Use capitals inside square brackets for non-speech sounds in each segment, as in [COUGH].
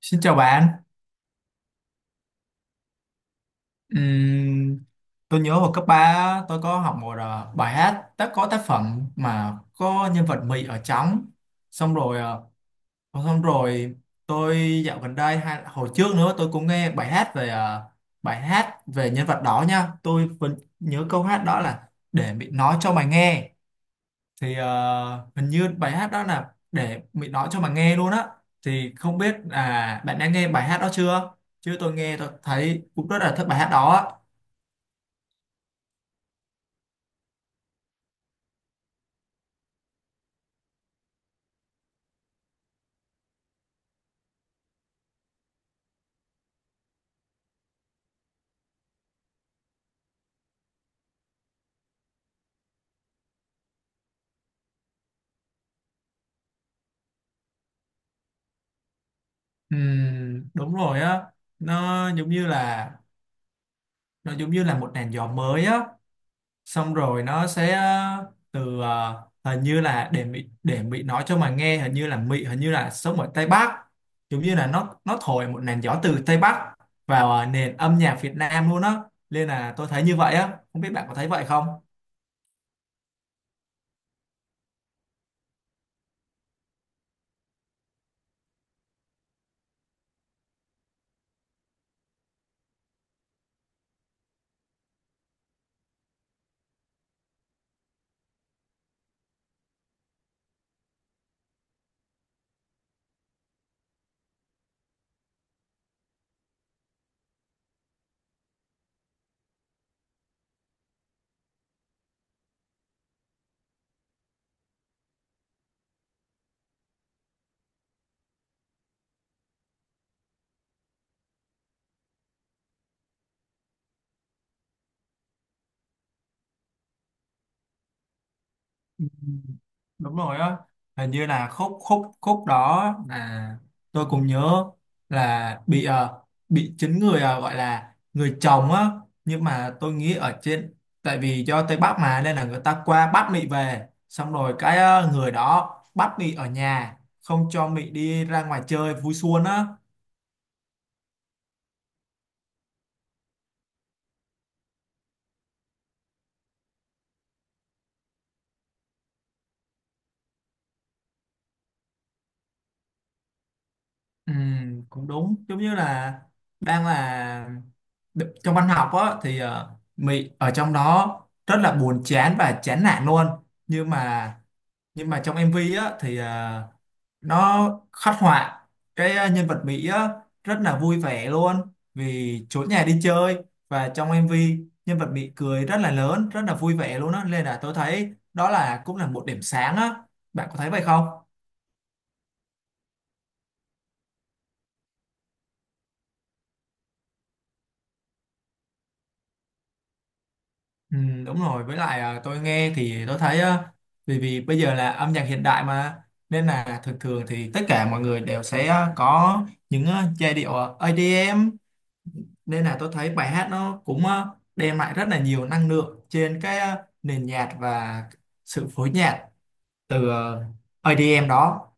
Xin chào bạn. Ừm, tôi nhớ vào cấp 3 tôi có học một bài hát đã có tác phẩm mà có nhân vật Mỹ ở trong. Xong rồi ờ, Xong rồi tôi dạo gần đây hay hồi trước nữa tôi cũng nghe bài hát về bài hát về nhân vật đó nha. Tôi vẫn nhớ câu hát đó là để Mỹ nói cho mày nghe. Thì hình như bài hát đó là để mình nói cho mà nghe luôn á, thì không biết là bạn đã nghe bài hát đó chưa, chứ tôi nghe tôi thấy cũng rất là thích bài hát đó á. Đúng rồi á, nó giống như là nó giống như là một làn gió mới á, xong rồi nó sẽ từ hình như là để Mỹ nói cho mà nghe, hình như là Mỹ hình như là sống ở Tây Bắc, giống như là nó thổi một làn gió từ Tây Bắc vào nền âm nhạc Việt Nam luôn á, nên là tôi thấy như vậy á, không biết bạn có thấy vậy không. Ừ. Đúng rồi á, hình như là khúc khúc khúc đó là tôi cũng nhớ là bị bị chính người gọi là người chồng á, nhưng mà tôi nghĩ ở trên, tại vì do Tây Bắc mà nên là người ta qua bắt mị về, xong rồi cái người đó bắt mị ở nhà, không cho mị đi ra ngoài chơi vui xuân á. Ừ, cũng đúng giống như là đang là trong văn học á thì Mỹ ở trong đó rất là buồn chán và chán nản luôn, nhưng mà nhưng mà trong MV á thì nó khắc họa cái nhân vật Mỹ á rất là vui vẻ luôn vì trốn nhà đi chơi, và trong MV nhân vật Mỹ cười rất là lớn rất là vui vẻ luôn á, nên là tôi thấy đó là cũng là một điểm sáng á, bạn có thấy vậy không. Ừ, đúng rồi, với lại tôi nghe thì tôi thấy à, vì vì bây giờ là âm nhạc hiện đại mà, nên là thường thường thì tất cả mọi người đều sẽ có những giai điệu EDM, nên là tôi thấy bài hát nó cũng đem lại rất là nhiều năng lượng trên cái nền nhạc và sự phối nhạc từ EDM đó.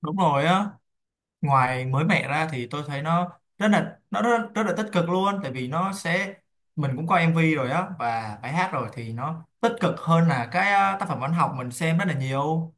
Đúng rồi á, ngoài mới mẻ ra thì tôi thấy nó rất là nó rất, rất là tích cực luôn, tại vì nó sẽ mình cũng coi MV rồi á và bài hát rồi thì nó tích cực hơn là cái tác phẩm văn học mình xem rất là nhiều,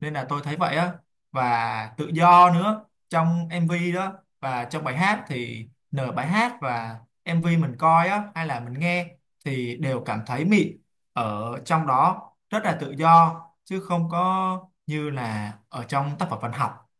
nên là tôi thấy vậy á. Và tự do nữa trong MV đó, và trong bài hát thì nửa bài hát và MV mình coi á hay là mình nghe thì đều cảm thấy mịn ở trong đó, rất là tự do chứ không có như là ở trong tác phẩm văn học.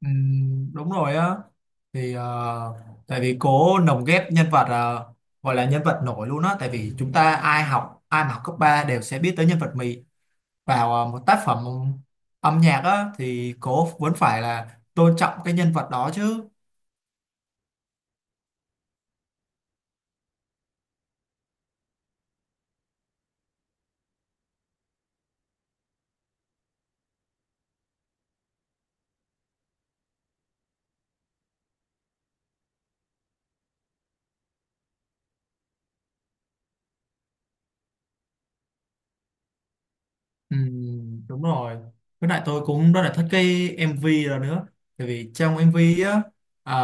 Đúng rồi á, thì tại vì cố lồng ghép nhân vật gọi là nhân vật nổi luôn á, tại vì chúng ta ai mà học cấp 3 đều sẽ biết tới nhân vật Mì, vào một tác phẩm âm nhạc á thì cô vẫn phải là tôn trọng cái nhân vật đó chứ. Ừ, đúng rồi, với lại tôi cũng rất là thích cái MV đó nữa, tại vì trong MV á à,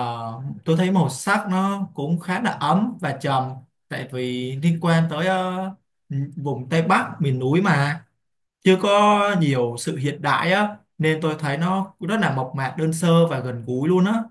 tôi thấy màu sắc nó cũng khá là ấm và trầm, tại vì liên quan tới vùng Tây Bắc miền núi mà chưa có nhiều sự hiện đại á, nên tôi thấy nó rất là mộc mạc đơn sơ và gần gũi luôn á.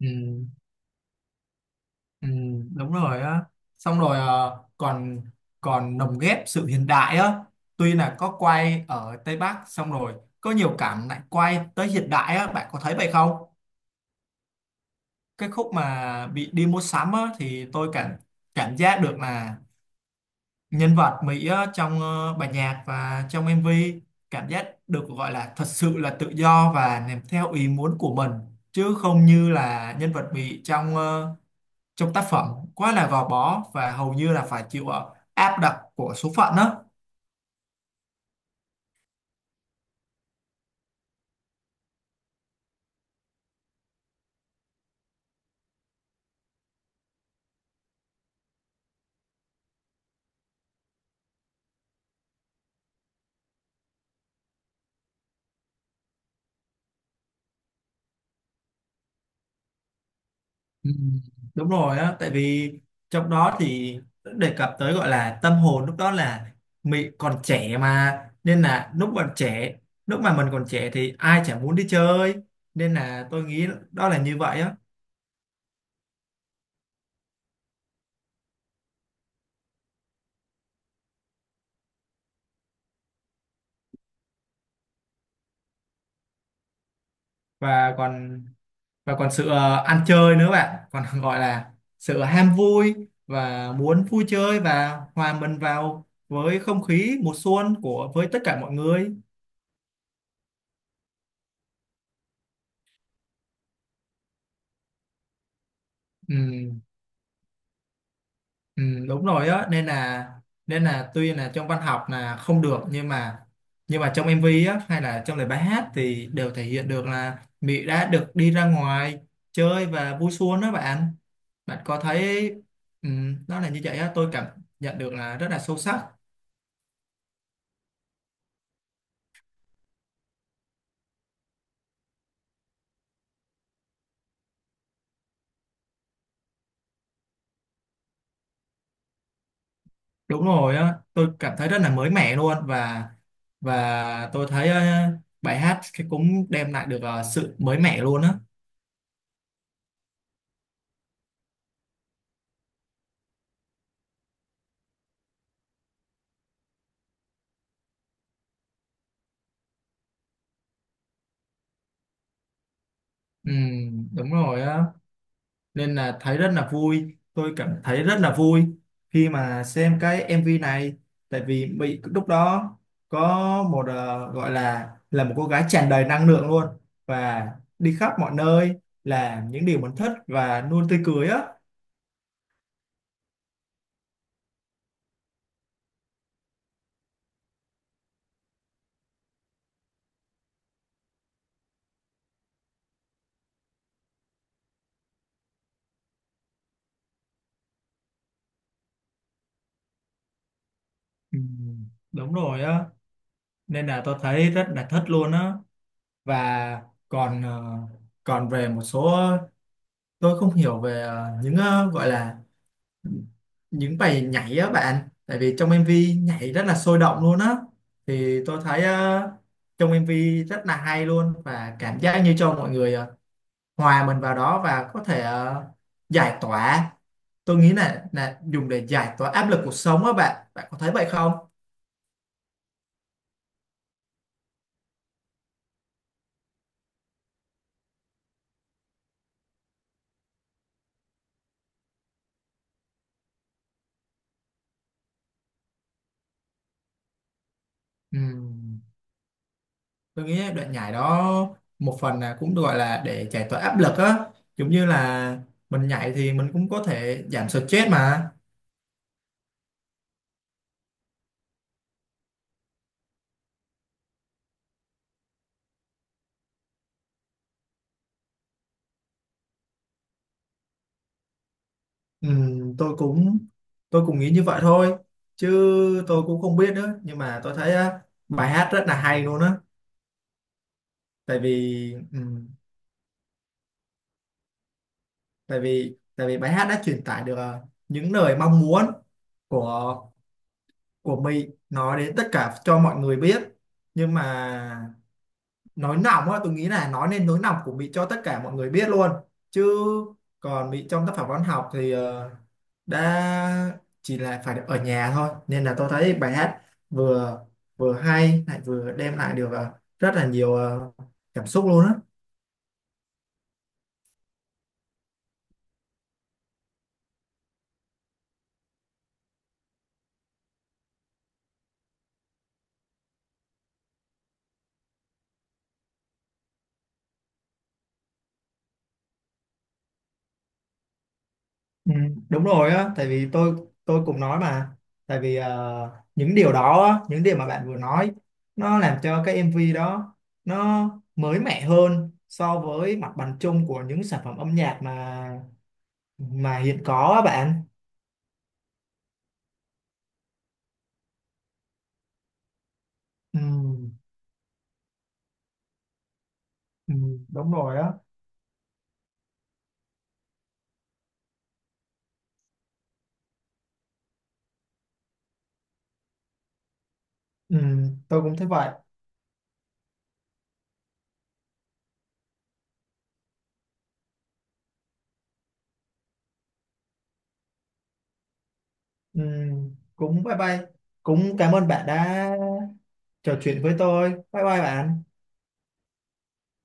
Ừ, Ừ, đúng rồi á, xong rồi còn còn lồng ghép sự hiện đại á, tuy là có quay ở Tây Bắc, xong rồi có nhiều cảnh lại quay tới hiện đại á, bạn có thấy vậy không. Cái khúc mà bị đi mua sắm á thì tôi cảm cảm giác được là nhân vật Mỹ á, trong bản nhạc và trong MV, cảm giác được gọi là thật sự là tự do và làm theo ý muốn của mình, chứ không như là nhân vật Mỹ trong trong tác phẩm quá là gò bó và hầu như là phải chịu áp đặt của số phận đó. Ừ, đúng rồi á, tại vì trong đó thì đề cập tới gọi là tâm hồn lúc đó là mình còn trẻ mà, nên là lúc còn trẻ, lúc mà mình còn trẻ thì ai chả muốn đi chơi, nên là tôi nghĩ đó là như vậy á. và còn và còn sự ăn chơi nữa bạn, còn [LAUGHS] gọi là sự ham vui và muốn vui chơi và hòa mình vào với không khí mùa xuân của với tất cả mọi người. Ừ, ừ, đúng rồi á, nên là tuy là trong văn học là không được, nhưng mà trong MV á hay là trong lời bài hát thì đều thể hiện được là Mỹ đã được đi ra ngoài chơi và vui xuân đó bạn, bạn có thấy. Ừ, nó là như vậy á, tôi cảm nhận được là rất là sâu sắc. Đúng rồi á, tôi cảm thấy rất là mới mẻ luôn, và tôi thấy bài hát cái cũng đem lại được sự mới mẻ luôn á. Ừ, đúng rồi á, nên là thấy rất là vui, tôi cảm thấy rất là vui khi mà xem cái MV này, tại vì bị lúc đó có một gọi là một cô gái tràn đầy năng lượng luôn, và đi khắp mọi nơi làm những điều mình thích và luôn tươi cười á. Ừ, đúng rồi á, nên là tôi thấy rất là thích luôn á. Và còn còn về một số tôi không hiểu về những gọi là những bài nhảy á bạn, tại vì trong MV nhảy rất là sôi động luôn á, thì tôi thấy trong MV rất là hay luôn, và cảm giác như cho mọi người hòa mình vào đó và có thể giải tỏa, tôi nghĩ là dùng để giải tỏa áp lực cuộc sống á bạn, bạn có thấy vậy không. Ừ. Tôi nghĩ đoạn nhảy đó một phần là cũng gọi là để giải tỏa áp lực á, giống như là mình nhảy thì mình cũng có thể giảm stress mà. Ừ, tôi cũng tôi cũng nghĩ như vậy thôi, chứ tôi cũng không biết nữa. Nhưng mà tôi thấy á, bài hát rất là hay luôn á, tại vì ừ, tại vì bài hát đã truyền tải được những lời mong muốn của của mình nói đến tất cả cho mọi người biết. Nhưng mà nói nòng á, tôi nghĩ là nói nên nỗi lòng của Mỹ cho tất cả mọi người biết luôn, chứ còn Mỹ trong tác phẩm văn học thì đã chỉ là phải ở nhà thôi, nên là tôi thấy bài hát vừa vừa hay lại vừa đem lại được rất là nhiều cảm xúc luôn á. Ừ, đúng rồi á, tại vì tôi cũng nói mà, tại vì những điều đó, á, những điều mà bạn vừa nói, nó làm cho cái MV đó nó mới mẻ hơn so với mặt bằng chung của những sản phẩm âm nhạc mà hiện có á bạn. Ừ, ừ, đúng rồi á, ừ, tôi cũng thấy vậy. Ừ, cũng bye bye, cũng cảm ơn bạn đã trò chuyện với tôi. Bye bye bạn.